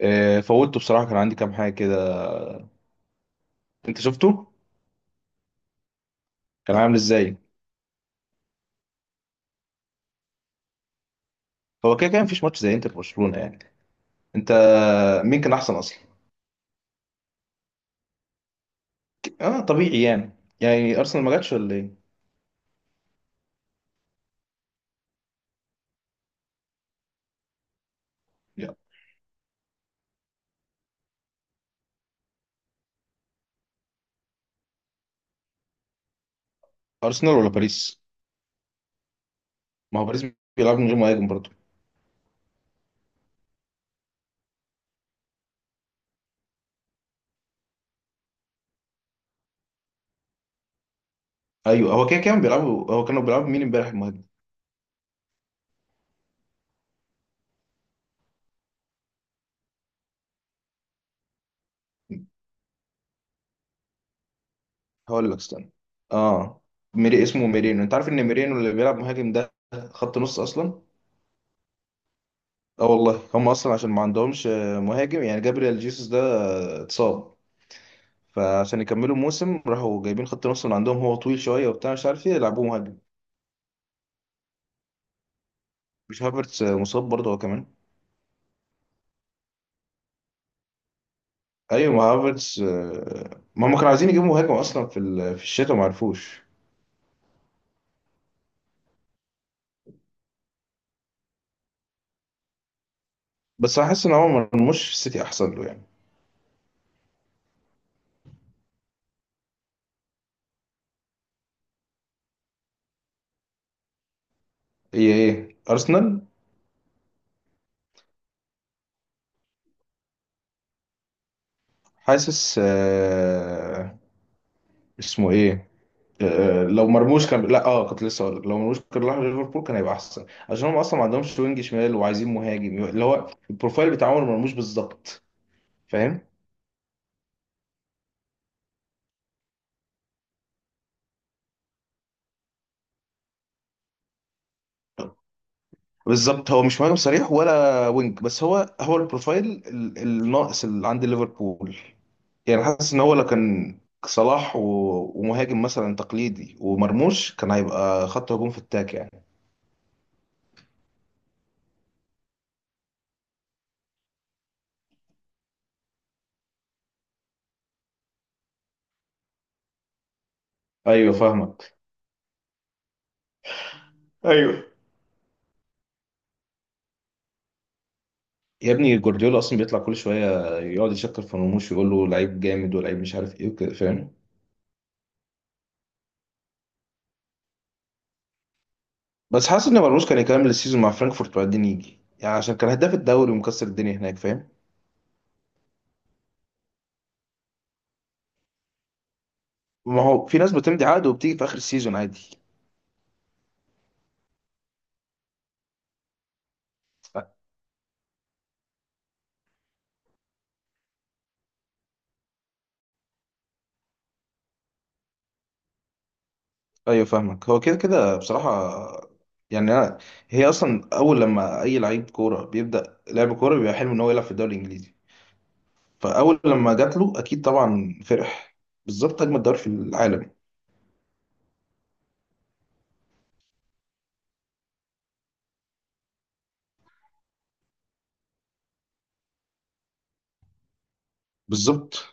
آه، فوتته بصراحة. كان عندي كام حاجة كده. انت شفته؟ كان عامل ازاي؟ هو كده كان مفيش ماتش زي انتر برشلونة يعني. انت، مين كان احسن اصلا؟ اه، طبيعي يعني. يعني ارسنال ما جاتش ولا ايه؟ لا، ارسنال ولا باريس؟ ما هو باريس بيلعب من غير مهاجم برضه. ايوه، هو كده كان بيلعبوا، هو كانوا بيلعبوا مين امبارح المهاجم؟ هقول لك، استنى. اه. ميري، اسمه ميرينو. انت عارف ان ميرينو اللي بيلعب مهاجم ده خط نص اصلا؟ اه والله، هم اصلا عشان ما عندهمش مهاجم. يعني جابريال جيسوس ده اتصاب. فعشان يكملوا الموسم راحوا جايبين خط نص من عندهم، هو طويل شويه وبتاع، مش عارف ايه، يلعبوه مهاجم. مش هافرتس مصاب برضه هو كمان؟ ايوه، ما هافرتس ما هم كانوا عايزين يجيبوا مهاجم اصلا في في الشتاء، ما عرفوش. بس حاسس ان هو مرموش في السيتي احسن له يعني. ايه ايه، ارسنال. حاسس اسمه ايه؟ لو مرموش كان، لا، اه، كنت لسه هقول لك لو مرموش كان راح ليفربول كان هيبقى احسن، عشان هم اصلا ما عندهمش وينج شمال وعايزين مهاجم اللي هو البروفايل بتاع عمر مرموش بالظبط. فاهم؟ بالظبط، هو مش مهاجم صريح ولا وينج، بس هو هو البروفايل الناقص اللي عند ليفربول. يعني حاسس ان هو لو كان صلاح ومهاجم مثلا تقليدي ومرموش، كان هيبقى خط هجوم في التاك يعني. ايوه فاهمك. ايوه. يا ابني، جوارديولا اصلا بيطلع كل شويه يقعد يشكر في مرموش ويقول له لعيب جامد ولعيب مش عارف ايه وكده. فاهم؟ بس حاسس ان مرموش كان يكمل السيزون مع فرانكفورت وبعدين يجي يعني، عشان كان هداف الدوري ومكسر الدنيا هناك. فاهم؟ ما هو في ناس بتمضي عقد وبتيجي في اخر السيزون عادي. ايوه فاهمك. هو كده كده بصراحه يعني. انا هي اصلا، اول لما اي لعيب كوره بيبدا لعب كوره بيبقى حلم ان هو يلعب في الدوري الانجليزي. فاول لما جات له اكيد طبعا فرح. بالظبط، اجمل دوري في العالم. بالظبط.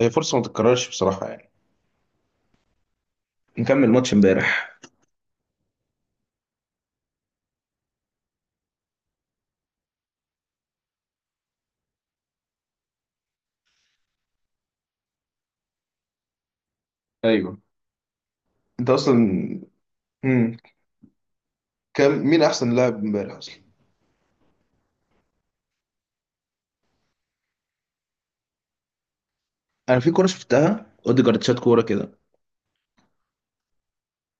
هي فرصه ما تتكررش بصراحه يعني. نكمل ماتش امبارح. ايوه. انت اصلا. مم. كم، مين احسن لاعب امبارح اصلا؟ انا في كوره شفتها، اوديجارد شات كوره كده.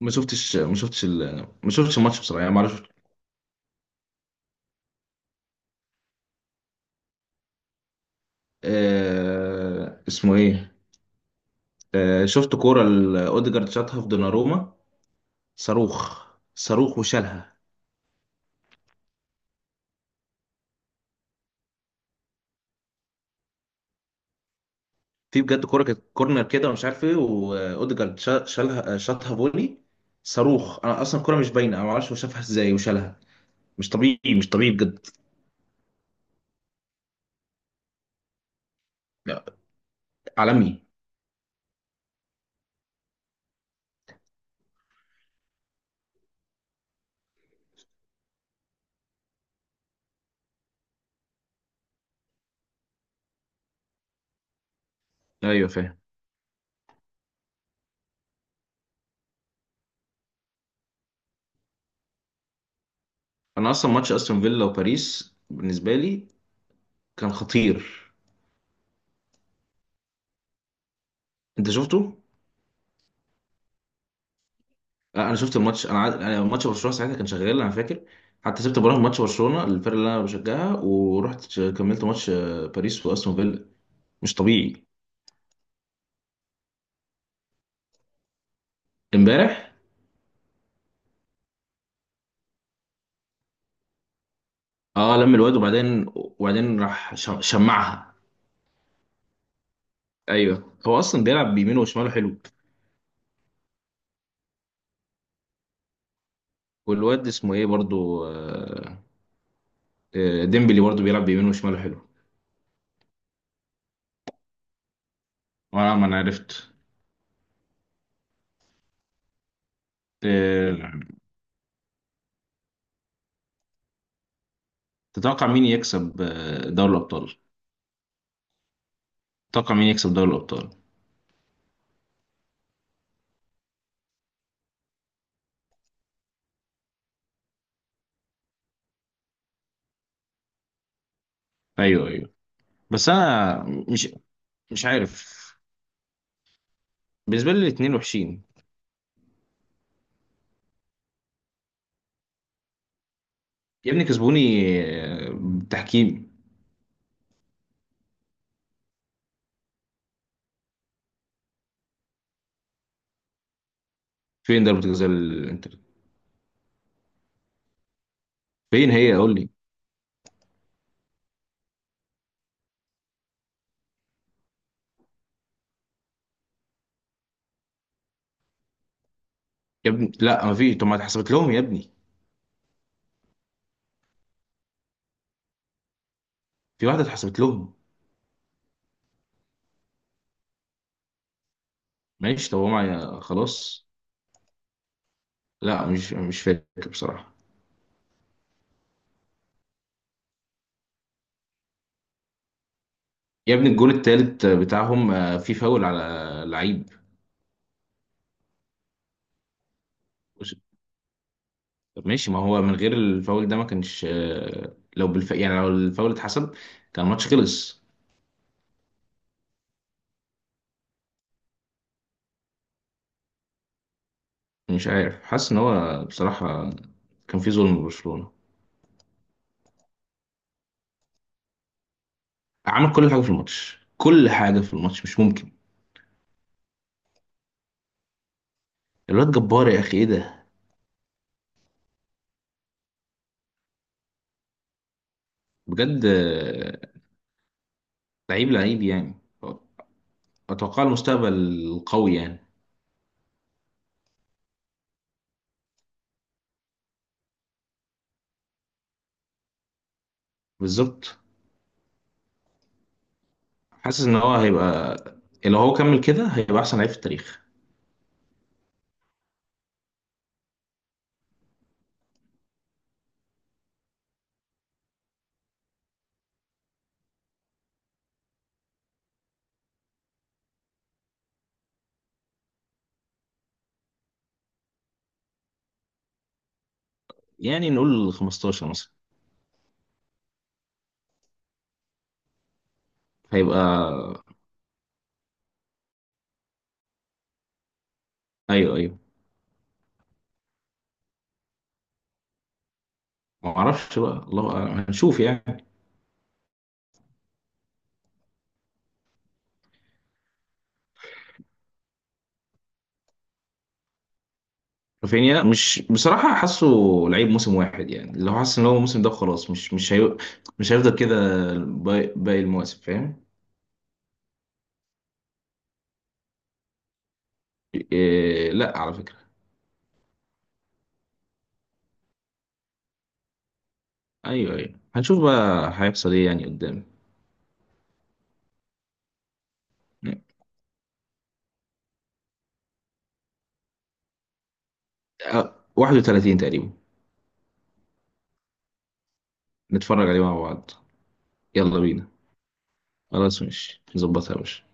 ما شفتش الماتش بصراحه يعني، ما اعرفش. اسمه ايه؟ شفت كورة اوديجارد شاطها في دوناروما. صاروخ. صاروخ وشالها. في بجد كورة كانت كورنر كده ومش عارف ايه، واوديجارد شالها، شاطها فولي. صاروخ. انا اصلا الكورة مش باينة، انا ما اعرفش هو شافها ازاي وشالها. مش طبيعي، مش طبيعي بجد. لا، عالمي. ايوه فاهم. انا اصلا ماتش استون فيلا وباريس بالنسبة لي كان خطير. انت شفته؟ لا، انا شفت الماتش. أنا، ماتش برشلونه ساعتها كان شغال انا فاكر. حتى سبت براهم ماتش برشلونه، الفرق اللي انا بشجعها، ورحت كملت ماتش باريس واستون فيلا. مش طبيعي. امبارح؟ اه، لم الواد، وبعدين راح شمعها. ايوه، هو اصلا بيلعب بيمينه وشماله حلو. والواد اسمه ايه برضو؟ ديمبلي برضو بيلعب بيمينه وشماله حلو. وانا، ما انا عرفت. آه، تتوقع مين يكسب دوري الابطال؟ تتوقع مين يكسب دوري الابطال؟ ايوه ايوه. بس انا مش عارف. بالنسبة لي الاتنين وحشين. يا ابني كسبوني بالتحكيم. فين ضربة الجزاء الانتر؟ فين هي؟ قول لي. يا ابني لا، ما فيش. طب ما اتحسبت لهم يا ابني، في واحدة اتحسبت لهم. ماشي، طب هما خلاص. لا، مش فاكر بصراحة. يا ابني الجول التالت بتاعهم في فاول على لعيب. طب ماشي. ما هو من غير الفاول ده ما كانش لو يعني لو الفاول اتحسب كان الماتش خلص. مش عارف، حاسس ان هو بصراحة كان في ظلم لبرشلونة. عمل كل حاجه في الماتش، كل حاجه في الماتش. مش ممكن. الواد جبار، يا اخي ايه ده. بجد لعيب، لعيب يعني، اتوقع المستقبل قوي يعني. بالظبط. حاسس ان هو هيبقى، لو هو كمل كده هيبقى احسن لعيب في التاريخ. يعني نقول 15 مثلا. هيبقى، ايوه ايوه. ما اعرفش بقى، الله أعلم. هنشوف يعني. رافينيا، مش بصراحه حاسه لعيب موسم واحد يعني. لو حاسس ان هو الموسم ده خلاص، مش هيفضل كده باقي باقي المواسم. فاهم؟ إيه، لا على فكرة. ايوه ايوه، هنشوف بقى هيحصل ايه يعني قدام. 31 تقريبا. نتفرج عليه مع بعض. يلا بينا. خلاص ماشي، نظبطها يا باشا.